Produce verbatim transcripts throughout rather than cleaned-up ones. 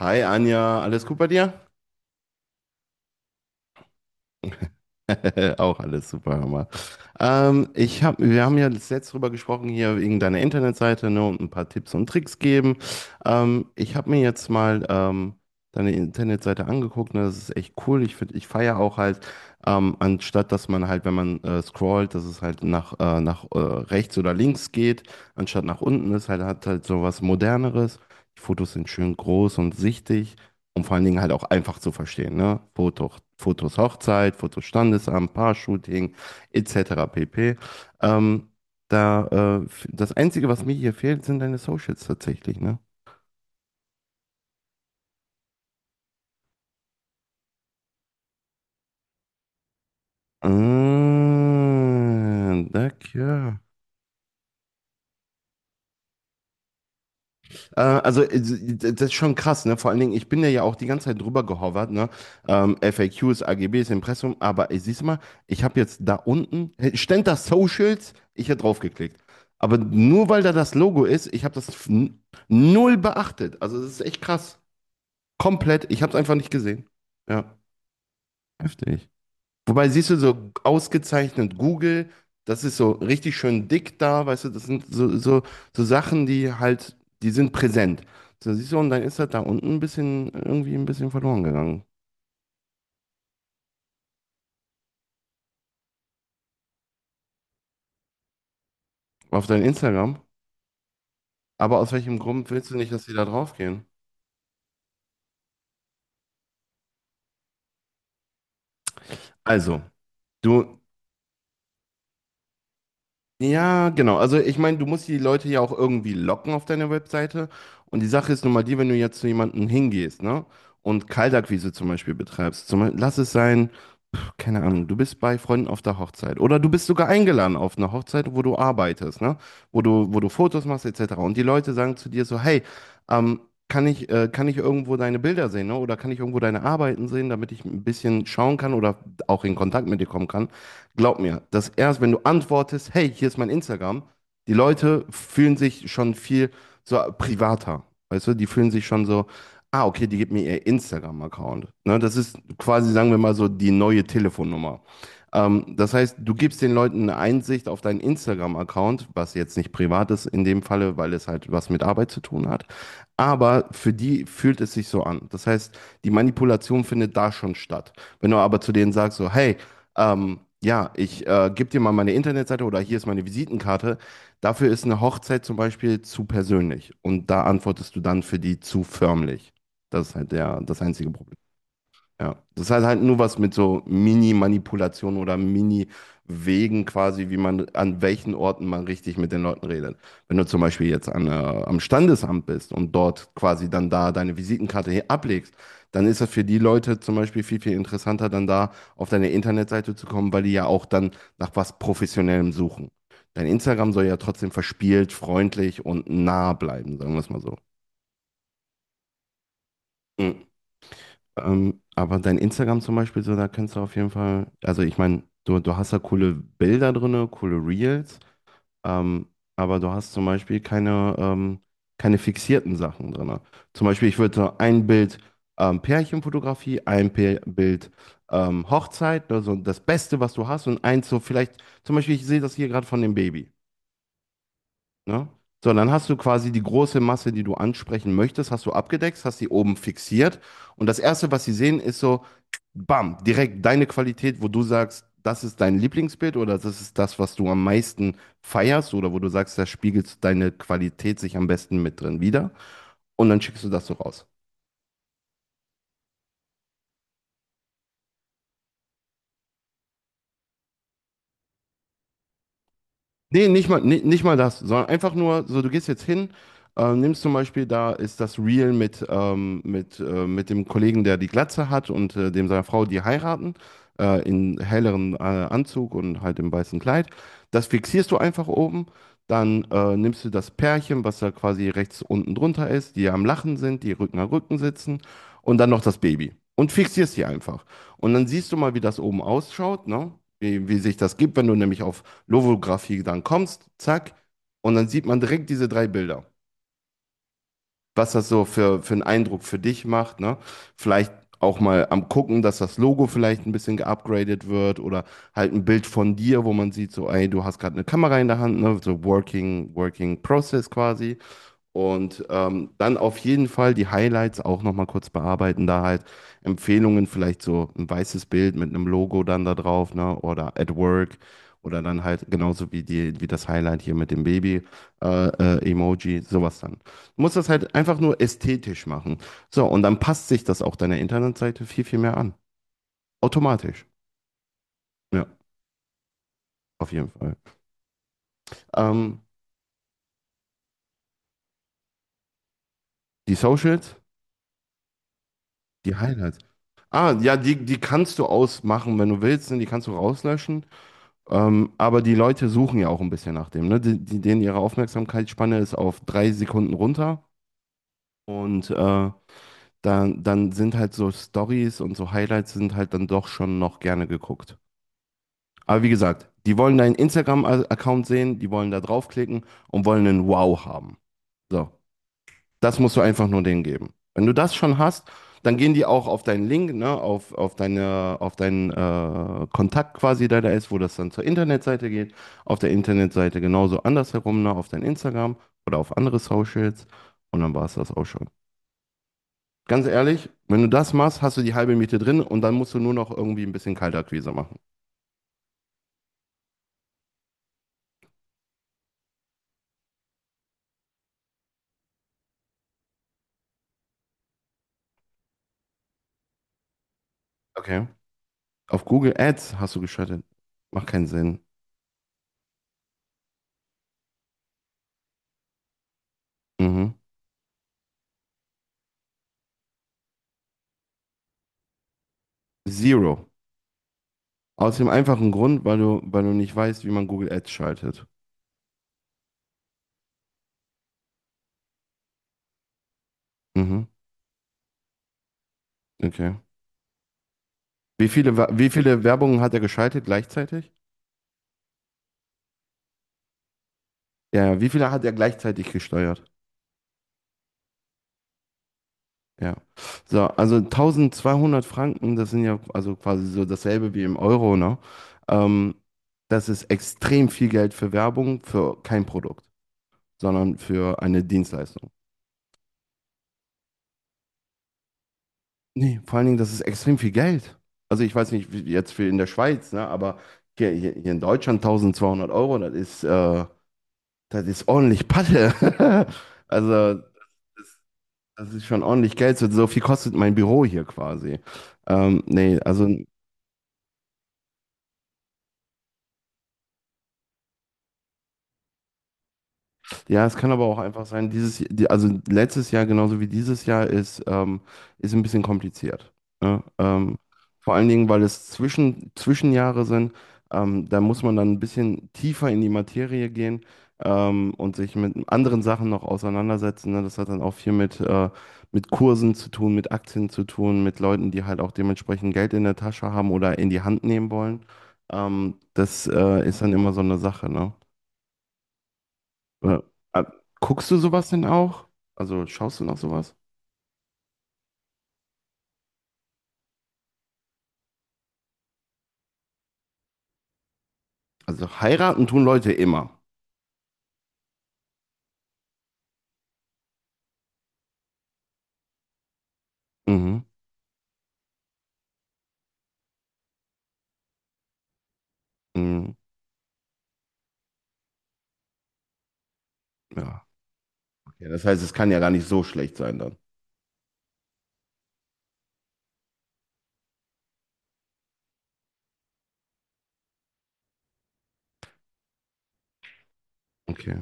Hi Anja, alles gut bei dir? Auch alles super, Hammer. Ähm, ich hab, wir haben ja letzt drüber gesprochen, hier wegen deiner Internetseite, ne, und ein paar Tipps und Tricks geben. Ähm, ich habe mir jetzt mal ähm, deine Internetseite angeguckt, ne, das ist echt cool. Ich finde, ich feiere auch halt, ähm, anstatt dass man halt, wenn man äh, scrollt, dass es halt nach, äh, nach äh, rechts oder links geht, anstatt nach unten ist, halt hat halt so was Moderneres. Die Fotos sind schön groß und sichtig. Und vor allen Dingen halt auch einfach zu verstehen, ne? Foto, Fotos Hochzeit, Fotos Standesamt, Paar-Shooting, et cetera pp. Ähm, da, äh, das Einzige, was mir hier fehlt, sind deine Socials tatsächlich, ne? Ah, danke. Äh, Also, äh, das ist schon krass, ne? Vor allen Dingen, ich bin da ja auch die ganze Zeit drüber gehovert, ne? Ähm, F A Qs, A G Bs, Impressum, aber ey, siehst du mal, ich habe jetzt da unten, hey, stand da Socials, ich hätte draufgeklickt. Aber nur weil da das Logo ist, ich habe das f- n- null beachtet. Also, das ist echt krass. Komplett, ich habe es einfach nicht gesehen. Ja, heftig. Wobei, siehst du, so ausgezeichnet Google, das ist so richtig schön dick da, weißt du, das sind so, so, so Sachen, die halt, die sind präsent. So, siehst du, und dann ist das da unten ein bisschen, irgendwie ein bisschen verloren gegangen. Auf dein Instagram. Aber aus welchem Grund willst du nicht, dass die da drauf gehen? Also, du Ja, genau. Also ich meine, du musst die Leute ja auch irgendwie locken auf deiner Webseite. Und die Sache ist nun mal die, wenn du jetzt zu jemandem hingehst, ne? Und Kaltakquise zum Beispiel betreibst. Zum Beispiel, lass es sein, pf, keine Ahnung, du bist bei Freunden auf der Hochzeit. Oder du bist sogar eingeladen auf eine Hochzeit, wo du arbeitest, ne? Wo du, wo du Fotos machst, et cetera. Und die Leute sagen zu dir so, hey, ähm, kann ich, äh, kann ich irgendwo deine Bilder sehen, ne? Oder kann ich irgendwo deine Arbeiten sehen, damit ich ein bisschen schauen kann oder auch in Kontakt mit dir kommen kann? Glaub mir, dass erst, wenn du antwortest, hey, hier ist mein Instagram, die Leute fühlen sich schon viel so privater. Weißt du, die fühlen sich schon so, ah, okay, die gibt mir ihr Instagram-Account. Ne, das ist quasi, sagen wir mal so, die neue Telefonnummer. Ähm, das heißt, du gibst den Leuten eine Einsicht auf deinen Instagram-Account, was jetzt nicht privat ist in dem Falle, weil es halt was mit Arbeit zu tun hat. Aber für die fühlt es sich so an. Das heißt, die Manipulation findet da schon statt. Wenn du aber zu denen sagst, so, hey, ähm, ja, ich äh, gebe dir mal meine Internetseite oder hier ist meine Visitenkarte. Dafür ist eine Hochzeit zum Beispiel zu persönlich. Und da antwortest du dann für die zu förmlich. Das ist halt der, das einzige Problem. Ja, das hat halt nur was mit so Mini-Manipulationen oder Mini-Wegen quasi, wie man, an welchen Orten man richtig mit den Leuten redet. Wenn du zum Beispiel jetzt an, äh, am Standesamt bist und dort quasi dann da deine Visitenkarte he- ablegst, dann ist das für die Leute zum Beispiel viel, viel interessanter, dann da auf deine Internetseite zu kommen, weil die ja auch dann nach was Professionellem suchen. Dein Instagram soll ja trotzdem verspielt, freundlich und nah bleiben, sagen wir es mal so. Mhm. Ähm, aber dein Instagram zum Beispiel, so, da kannst du auf jeden Fall, also ich meine, du, du hast da coole Bilder drinne, coole Reels, ähm, aber du hast zum Beispiel keine, ähm, keine fixierten Sachen drinne. Zum Beispiel, ich würde so ein Bild ähm, Pärchenfotografie, ein Pär Bild ähm, Hochzeit, also das Beste, was du hast, und eins so vielleicht, zum Beispiel, ich sehe das hier gerade von dem Baby. Ne? So, dann hast du quasi die große Masse, die du ansprechen möchtest, hast du abgedeckt, hast die oben fixiert. Und das Erste, was sie sehen, ist so, bam, direkt deine Qualität, wo du sagst, das ist dein Lieblingsbild oder das ist das, was du am meisten feierst oder wo du sagst, da spiegelt deine Qualität sich am besten mit drin wider. Und dann schickst du das so raus. Nee, nicht mal, nee, nicht mal das, sondern einfach nur, so du gehst jetzt hin, äh, nimmst zum Beispiel, da ist das Reel mit, ähm, mit, äh, mit dem Kollegen, der die Glatze hat und äh, dem seiner Frau, die heiraten, äh, in helleren äh, Anzug und halt im weißen Kleid. Das fixierst du einfach oben, dann äh, nimmst du das Pärchen, was da quasi rechts unten drunter ist, die am Lachen sind, die Rücken an Rücken sitzen und dann noch das Baby und fixierst sie einfach. Und dann siehst du mal, wie das oben ausschaut, ne? Wie, wie sich das gibt, wenn du nämlich auf Lovographie dann kommst, zack, und dann sieht man direkt diese drei Bilder. Was das so für, für einen Eindruck für dich macht, ne? Vielleicht auch mal am gucken, dass das Logo vielleicht ein bisschen geupgradet wird oder halt ein Bild von dir, wo man sieht, so, ey, du hast gerade eine Kamera in der Hand, ne? So Working, Working Process quasi. Und ähm, dann auf jeden Fall die Highlights auch nochmal kurz bearbeiten, da halt Empfehlungen, vielleicht so ein weißes Bild mit einem Logo dann da drauf, ne? Oder at work. Oder dann halt genauso wie die, wie das Highlight hier mit dem Baby äh, äh, Emoji, sowas dann. Du musst das halt einfach nur ästhetisch machen. So, und dann passt sich das auch deiner Internetseite viel, viel mehr an. Automatisch. Ja, auf jeden Fall. Ähm, die Socials, die Highlights. Ah, ja, die, die kannst du ausmachen, wenn du willst, ne? Die kannst du rauslöschen. Ähm, aber die Leute suchen ja auch ein bisschen nach dem, ne? Die, die, denen ihre Aufmerksamkeitsspanne ist auf drei Sekunden runter und äh, dann, dann sind halt so Stories und so Highlights sind halt dann doch schon noch gerne geguckt. Aber wie gesagt, die wollen deinen Instagram-Account sehen, die wollen da draufklicken und wollen einen Wow haben. So. Das musst du einfach nur denen geben. Wenn du das schon hast, dann gehen die auch auf deinen Link, ne, auf, auf deine, auf deinen äh, Kontakt quasi, der da ist, wo das dann zur Internetseite geht. Auf der Internetseite genauso andersherum, ne, auf dein Instagram oder auf andere Socials. Und dann war es das auch schon. Ganz ehrlich, wenn du das machst, hast du die halbe Miete drin und dann musst du nur noch irgendwie ein bisschen Kaltakquise machen. Okay. Auf Google Ads hast du geschaltet. Macht keinen Sinn. Mhm. Zero. Aus dem einfachen Grund, weil du, weil du nicht weißt, wie man Google Ads schaltet. Mhm, okay. Wie viele, Wa- wie viele Werbungen hat er geschaltet gleichzeitig? Ja, ja, wie viele hat er gleichzeitig gesteuert? Ja. So, also zwölfhundert Franken, das sind ja also quasi so dasselbe wie im Euro, ne? Ähm, Das ist extrem viel Geld für Werbung, für kein Produkt, sondern für eine Dienstleistung. Nee, vor allen Dingen, das ist extrem viel Geld. Also ich weiß nicht, wie jetzt für in der Schweiz, ne? Aber hier, hier, hier in Deutschland zwölfhundert Euro, das ist, äh, das ist ordentlich Patte. Also. Das ist schon ordentlich Geld. So so viel kostet mein Büro hier quasi. Ähm, nee, also. Ja, es kann aber auch einfach sein, dieses, die- also letztes Jahr genauso wie dieses Jahr ist, ähm, ist ein bisschen kompliziert. Ne? Ähm, vor allen Dingen, weil es Zwischen, Zwischenjahre sind, ähm, da muss man dann ein bisschen tiefer in die Materie gehen ähm, und sich mit anderen Sachen noch auseinandersetzen. Ne? Das hat dann auch viel mit, äh, mit Kursen zu tun, mit Aktien zu tun, mit Leuten, die halt auch dementsprechend Geld in der Tasche haben oder in die Hand nehmen wollen. Ähm, das äh, ist dann immer so eine Sache, ne? Äh, äh, guckst du sowas denn auch? Also schaust du noch sowas? Also heiraten tun Leute immer. Mhm. Mhm. Ja. Okay. Das heißt, es kann ja gar nicht so schlecht sein dann. Okay.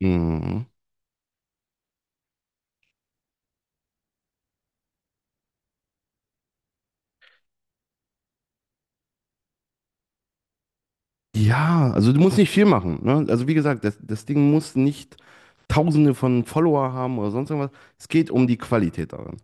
Mhm. Ja, also du musst nicht viel machen. Ne? Also wie gesagt, das, das Ding muss nicht Tausende von Follower haben oder sonst irgendwas. Es geht um die Qualität daran.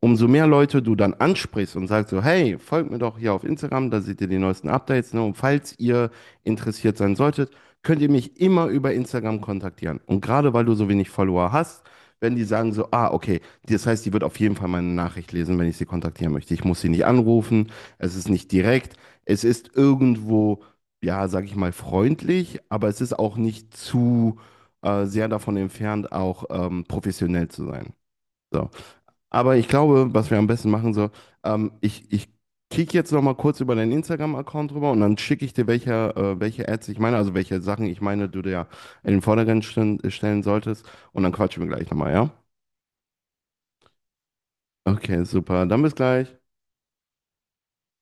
Umso mehr Leute du dann ansprichst und sagst so, hey, folgt mir doch hier auf Instagram, da seht ihr die neuesten Updates. Ne? Und falls ihr interessiert sein solltet, könnt ihr mich immer über Instagram kontaktieren. Und gerade weil du so wenig Follower hast, werden die sagen so, ah, okay, das heißt, die wird auf jeden Fall meine Nachricht lesen, wenn ich sie kontaktieren möchte. Ich muss sie nicht anrufen, es ist nicht direkt, es ist irgendwo ja, sag ich mal, freundlich, aber es ist auch nicht zu äh, sehr davon entfernt, auch ähm, professionell zu sein. So. Aber ich glaube, was wir am besten machen sollen, ähm, ich, ich kicke jetzt noch mal kurz über deinen Instagram-Account rüber und dann schicke ich dir, welche, äh, welche Ads ich meine, also welche Sachen ich meine, du dir ja in den Vordergrund stellen, stellen solltest. Und dann quatschen wir gleich nochmal, ja? Okay, super. Dann bis gleich.